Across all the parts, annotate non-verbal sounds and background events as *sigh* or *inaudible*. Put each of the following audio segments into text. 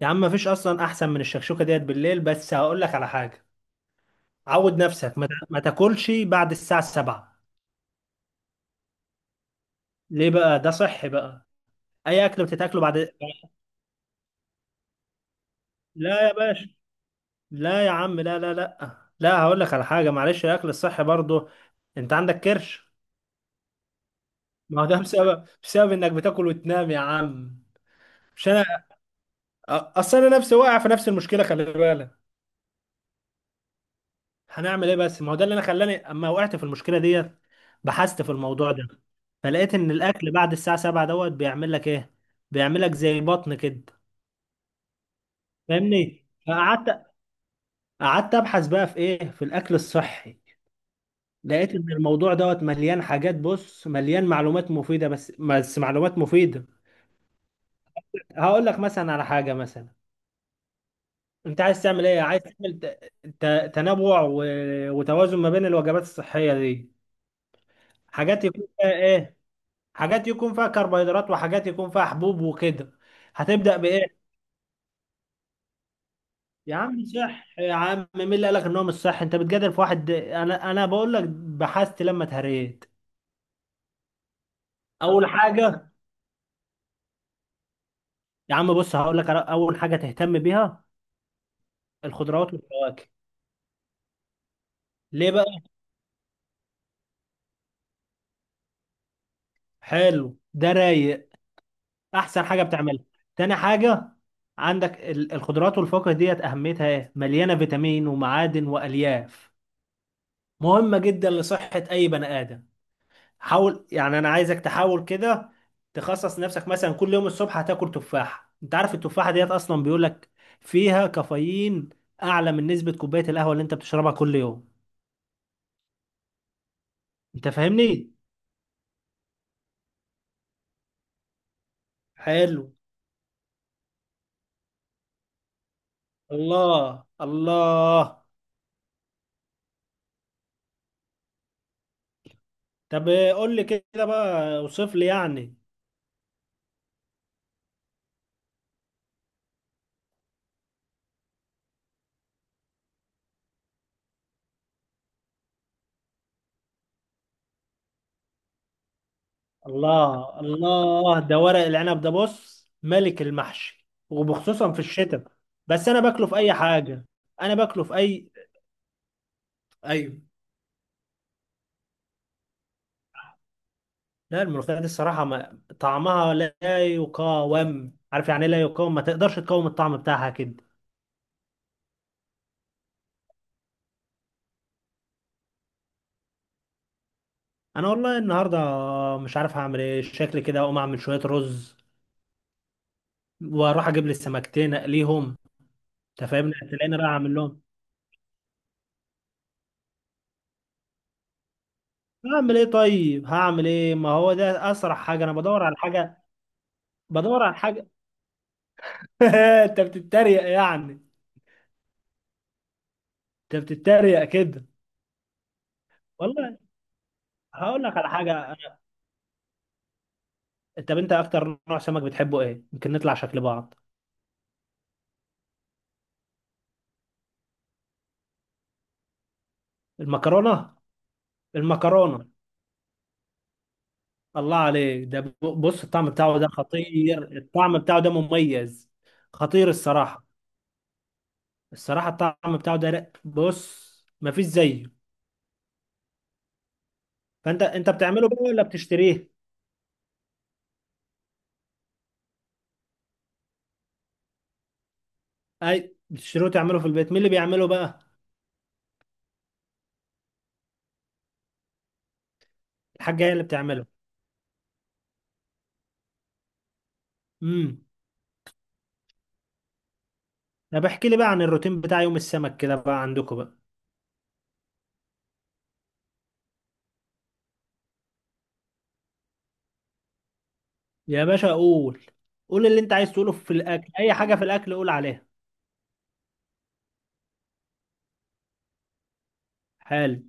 يا عم مفيش اصلا احسن من الشكشوكه ديت بالليل، بس هقول لك على حاجه. عود نفسك ما تاكلش بعد الساعه 7. ليه بقى؟ ده صحي بقى. اي اكل بتتاكله بعد. لا يا باشا، لا يا عم، لا لا لا لا، هقول لك على حاجه. معلش، الاكل الصحي برضه، انت عندك كرش. ما هو ده بسبب انك بتاكل وتنام يا عم. مش انا. اصل انا نفسي واقع في نفس المشكله، خلي بالك. هنعمل ايه؟ بس ما هو ده اللي انا خلاني اما وقعت في المشكله ديت. بحثت في الموضوع ده، فلقيت ان الاكل بعد الساعه 7 دوت بيعمل لك ايه. بيعمل لك زي بطن كده. فاهمني، فقعدت. قعدت ابحث بقى في ايه، في الاكل الصحي. لقيت ان الموضوع دوت مليان حاجات، بص مليان معلومات مفيده، بس معلومات مفيده. هقول لك مثلا على حاجه. مثلا انت عايز تعمل ايه، عايز تعمل تنوع وتوازن ما بين الوجبات الصحيه دي. حاجات يكون فيها ايه، حاجات يكون فيها كربوهيدرات، وحاجات يكون فيها حبوب وكده. هتبدأ بإيه؟ يا عم صح، يا عم مين اللي قالك إن هو مش صح؟ أنت بتجادل في واحد، أنا بقول لك بحثت لما اتهريت. أول حاجة، يا عم بص هقول لك على أول حاجة تهتم بيها: الخضروات والفواكه. ليه بقى؟ حلو، ده رايق، أحسن حاجة بتعملها. تاني حاجة، عندك الخضروات والفواكه ديت أهميتها إيه؟ مليانة فيتامين ومعادن وألياف، مهمة جدا لصحة أي بني آدم. حاول، يعني انا عايزك تحاول كده. تخصص نفسك مثلا كل يوم الصبح هتاكل تفاحة. انت عارف التفاحة ديت اصلا بيقولك فيها كافيين اعلى من نسبة كوباية القهوة اللي انت بتشربها كل يوم. انت فاهمني. حلو. الله الله. طب قول لي كده بقى، اوصف لي يعني. الله الله، ده ورق العنب ده بص ملك المحشي وبخصوصا في الشتاء. بس انا باكله في اي حاجة. انا باكله في اي. ايوه. لا، الملوخية دي الصراحة ما طعمها لا يقاوم، عارف يعني إيه لا يقاوم؟ ما تقدرش تقاوم الطعم بتاعها كده. أنا والله النهاردة مش عارف هعمل إيه. شكلي كده أقوم أعمل شوية رز وأروح أجيب لي سمكتين أقليهم. أنت فاهمني، تلاقيني رايح أعمل لهم. هعمل إيه طيب، هعمل إيه؟ ما هو ده أسرع حاجة. أنا بدور على حاجة، بدور على حاجة *laughs* أنت بتتريق يعني. أنت بتتريق كده. والله. هقول لك على حاجة. طب أنت أكتر نوع سمك بتحبه إيه؟ يمكن نطلع شكل بعض. المكرونة. المكرونة. الله عليك، ده بص الطعم بتاعه ده خطير. الطعم بتاعه ده مميز، خطير الصراحة. الصراحة الطعم بتاعه ده بص، مفيش زيه. فانت انت بتعمله بقى ولا بتشتريه؟ اي، بتشتريه وتعمله في البيت. مين اللي بيعمله بقى؟ الحاجة هي اللي بتعمله. امم. طب احكي لي بقى عن الروتين بتاع يوم السمك كده بقى عندكم بقى. يا باشا قول. قول اللي انت عايز تقوله في الاكل، اي حاجة في الاكل قول عليها. حلو.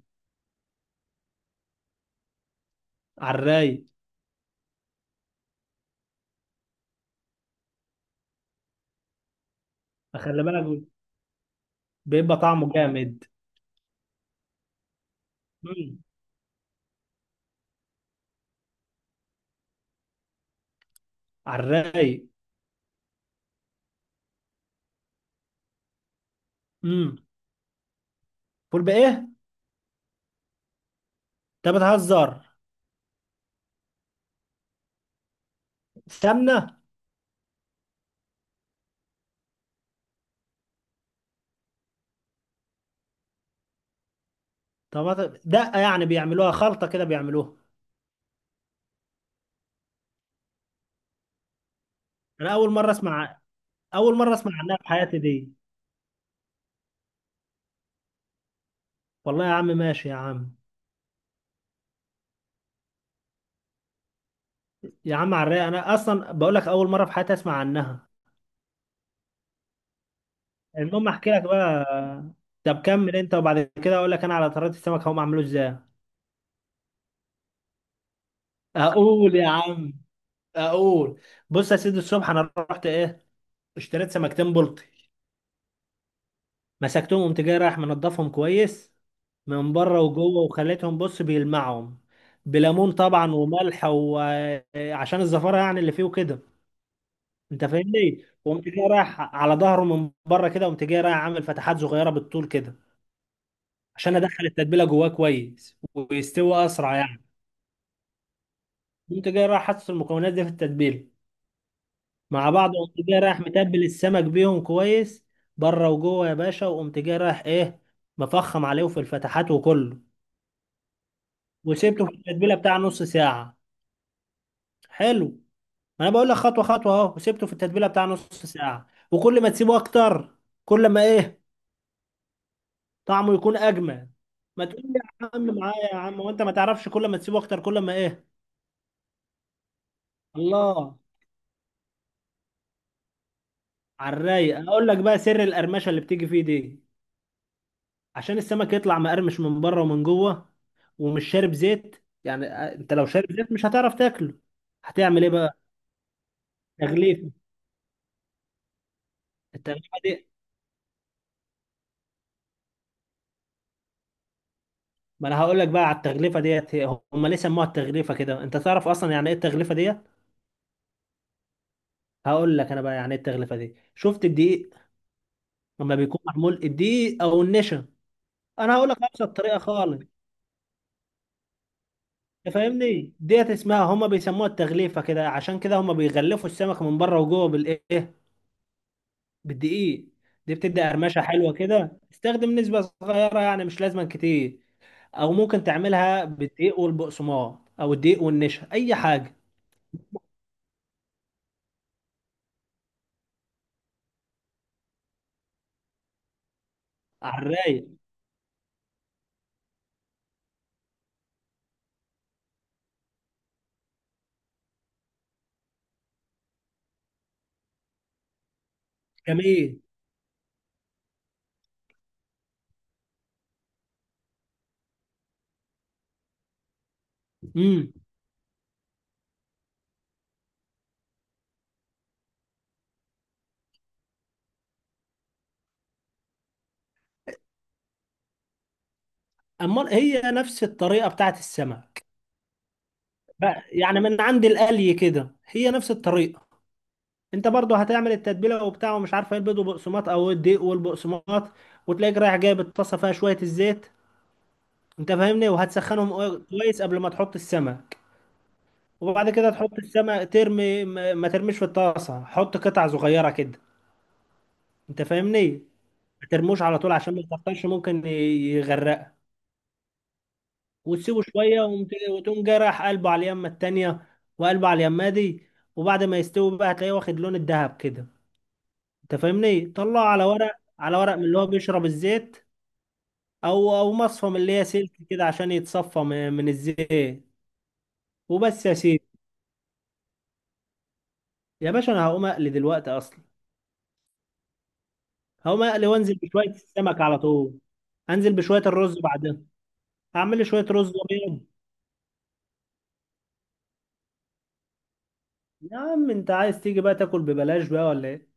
على الرايق. خلي بالك، بيبقى طعمه جامد. امم. على الرايق. مم. فول بايه؟ انت بتهزر. سمنه. طب دقه يعني، بيعملوها خلطه كده، بيعملوها؟ انا اول مره اسمع. اول مره اسمع عنها في حياتي دي. والله يا عم، ماشي يا عم. يا عم، على الرايق، انا اصلا بقول لك اول مره في حياتي اسمع عنها. المهم، احكي لك بقى. طب كمل انت، وبعد كده اقول لك انا على طريقه السمك هم عملوه ازاي. اقول يا عم. اقول. بص يا سيدي، الصبح انا رحت ايه، اشتريت سمكتين بلطي. مسكتهم، قمت جاي رايح منضفهم كويس من بره وجوه، وخليتهم بص بيلمعهم بليمون طبعا وملح، وعشان الزفاره يعني اللي فيه وكده. انت فاهمني، وقمت جاي رايح على ظهره من بره كده، قمت جاي رايح عامل فتحات صغيره بالطول كده، عشان ادخل التتبيله جواه كويس ويستوي اسرع يعني. قمت جاي رايح حاطط المكونات دي في التتبيله مع بعض، قمت جاي رايح متبل السمك بيهم كويس بره وجوه يا باشا. وقمت جاي رايح ايه، مفخم عليه في الفتحات وكله، وسبته في التتبيله بتاع نص ساعه. حلو، ما انا بقول لك خطوه خطوه اهو. وسبته في التتبيله بتاع نص ساعه، وكل ما تسيبه اكتر كل ما ايه، طعمه يكون اجمل. ما تقول لي يا عم، معايا يا عم. وانت ما تعرفش، كل ما تسيبه اكتر كل ما ايه. الله. على الرايق. اقول لك بقى سر القرمشه اللي بتيجي فيه دي. عشان السمك يطلع مقرمش من بره ومن جوه، ومش شارب زيت، يعني انت لو شارب زيت مش هتعرف تاكله. هتعمل ايه بقى؟ تغليفه. التغليفه دي، ما انا هقول لك بقى على التغليفه ديت. هم ليه سموها التغليفه كده؟ انت تعرف اصلا يعني ايه التغليفه ديت؟ هقول لك انا بقى يعني ايه التغليفه دي. شفت الدقيق لما بيكون معمول، الدقيق او النشا؟ انا هقول لك ابسط طريقه خالص. أنت فاهمني، ديت اسمها هم بيسموها التغليفه كده، عشان كده هم بيغلفوا السمك من بره وجوه بالايه؟ بالدقيق. دي بتدي قرمشه حلوه كده. استخدم نسبه صغيره يعني مش لازم كتير، او ممكن تعملها بالدقيق والبقسماط او الدقيق والنشا، اي حاجه. على الرايق. جميل. امم. أمال هي نفس الطريقة بتاعت السمك بقى يعني، من عند القلي كده هي نفس الطريقة. أنت برضو هتعمل التتبيلة وبتاع ومش عارف ايه، البيض والبقسماط أو الدقيق والبقسماط. وتلاقيك رايح جايب الطاسة فيها شوية الزيت. أنت فاهمني، وهتسخنهم كويس قبل ما تحط السمك. وبعد كده تحط السمك، ترمي ما ترميش في الطاسة، حط قطع صغيرة كده. أنت فاهمني. ما ترموش على طول عشان ما يكترش، ممكن يغرقك. وتسيبه شويه وتقوم جاي رايح قلبه على اليمه التانيه، وقلبه على اليمه دي. وبعد ما يستوي بقى هتلاقيه واخد لون الذهب كده. انت فاهمني، طلعه على ورق، على ورق من اللي هو بيشرب الزيت. او او مصفى من اللي هي سلك كده عشان يتصفى من الزيت. وبس يا سيدي. يا باشا انا هقوم اقلي دلوقتي اصلا. هقوم اقلي وانزل بشويه السمك على طول. انزل بشويه الرز بعدين. هعمل لي شويه رز ابيض. يا عم انت عايز تيجي بقى تاكل ببلاش بقى ولا ايه؟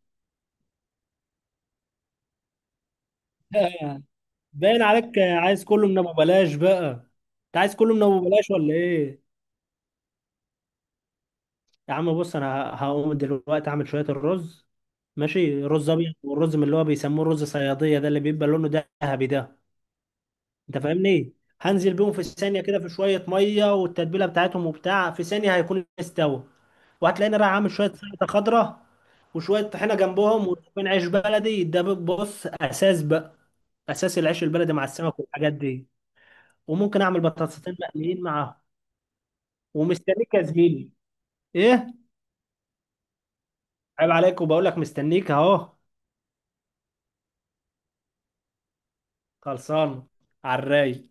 *laughs* باين عليك عايز كله من ابو بلاش بقى. انت عايز كله من ابو بلاش ولا ايه؟ يا عم بص، انا هقوم دلوقتي اعمل شويه الرز ماشي، رز ابيض، والرز من اللي هو بيسموه الرز صياديه ده اللي بيبقى لونه ذهبي ده. انت فاهمني، هنزل بيهم في ثانيه كده في شويه ميه والتتبيله بتاعتهم وبتاع، في ثانيه هيكون استوى. وهتلاقيني رايح عامل شويه سلطه خضراء وشويه طحينه جنبهم وشويه عيش بلدي ده. بص اساس بقى، اساس العيش البلدي مع السمك والحاجات دي. وممكن اعمل بطاطسين مقليين معاهم. ومستنيك يا زميلي. ايه؟ عيب عليك، وبقول لك مستنيك اهو. خلصان. على الرايق.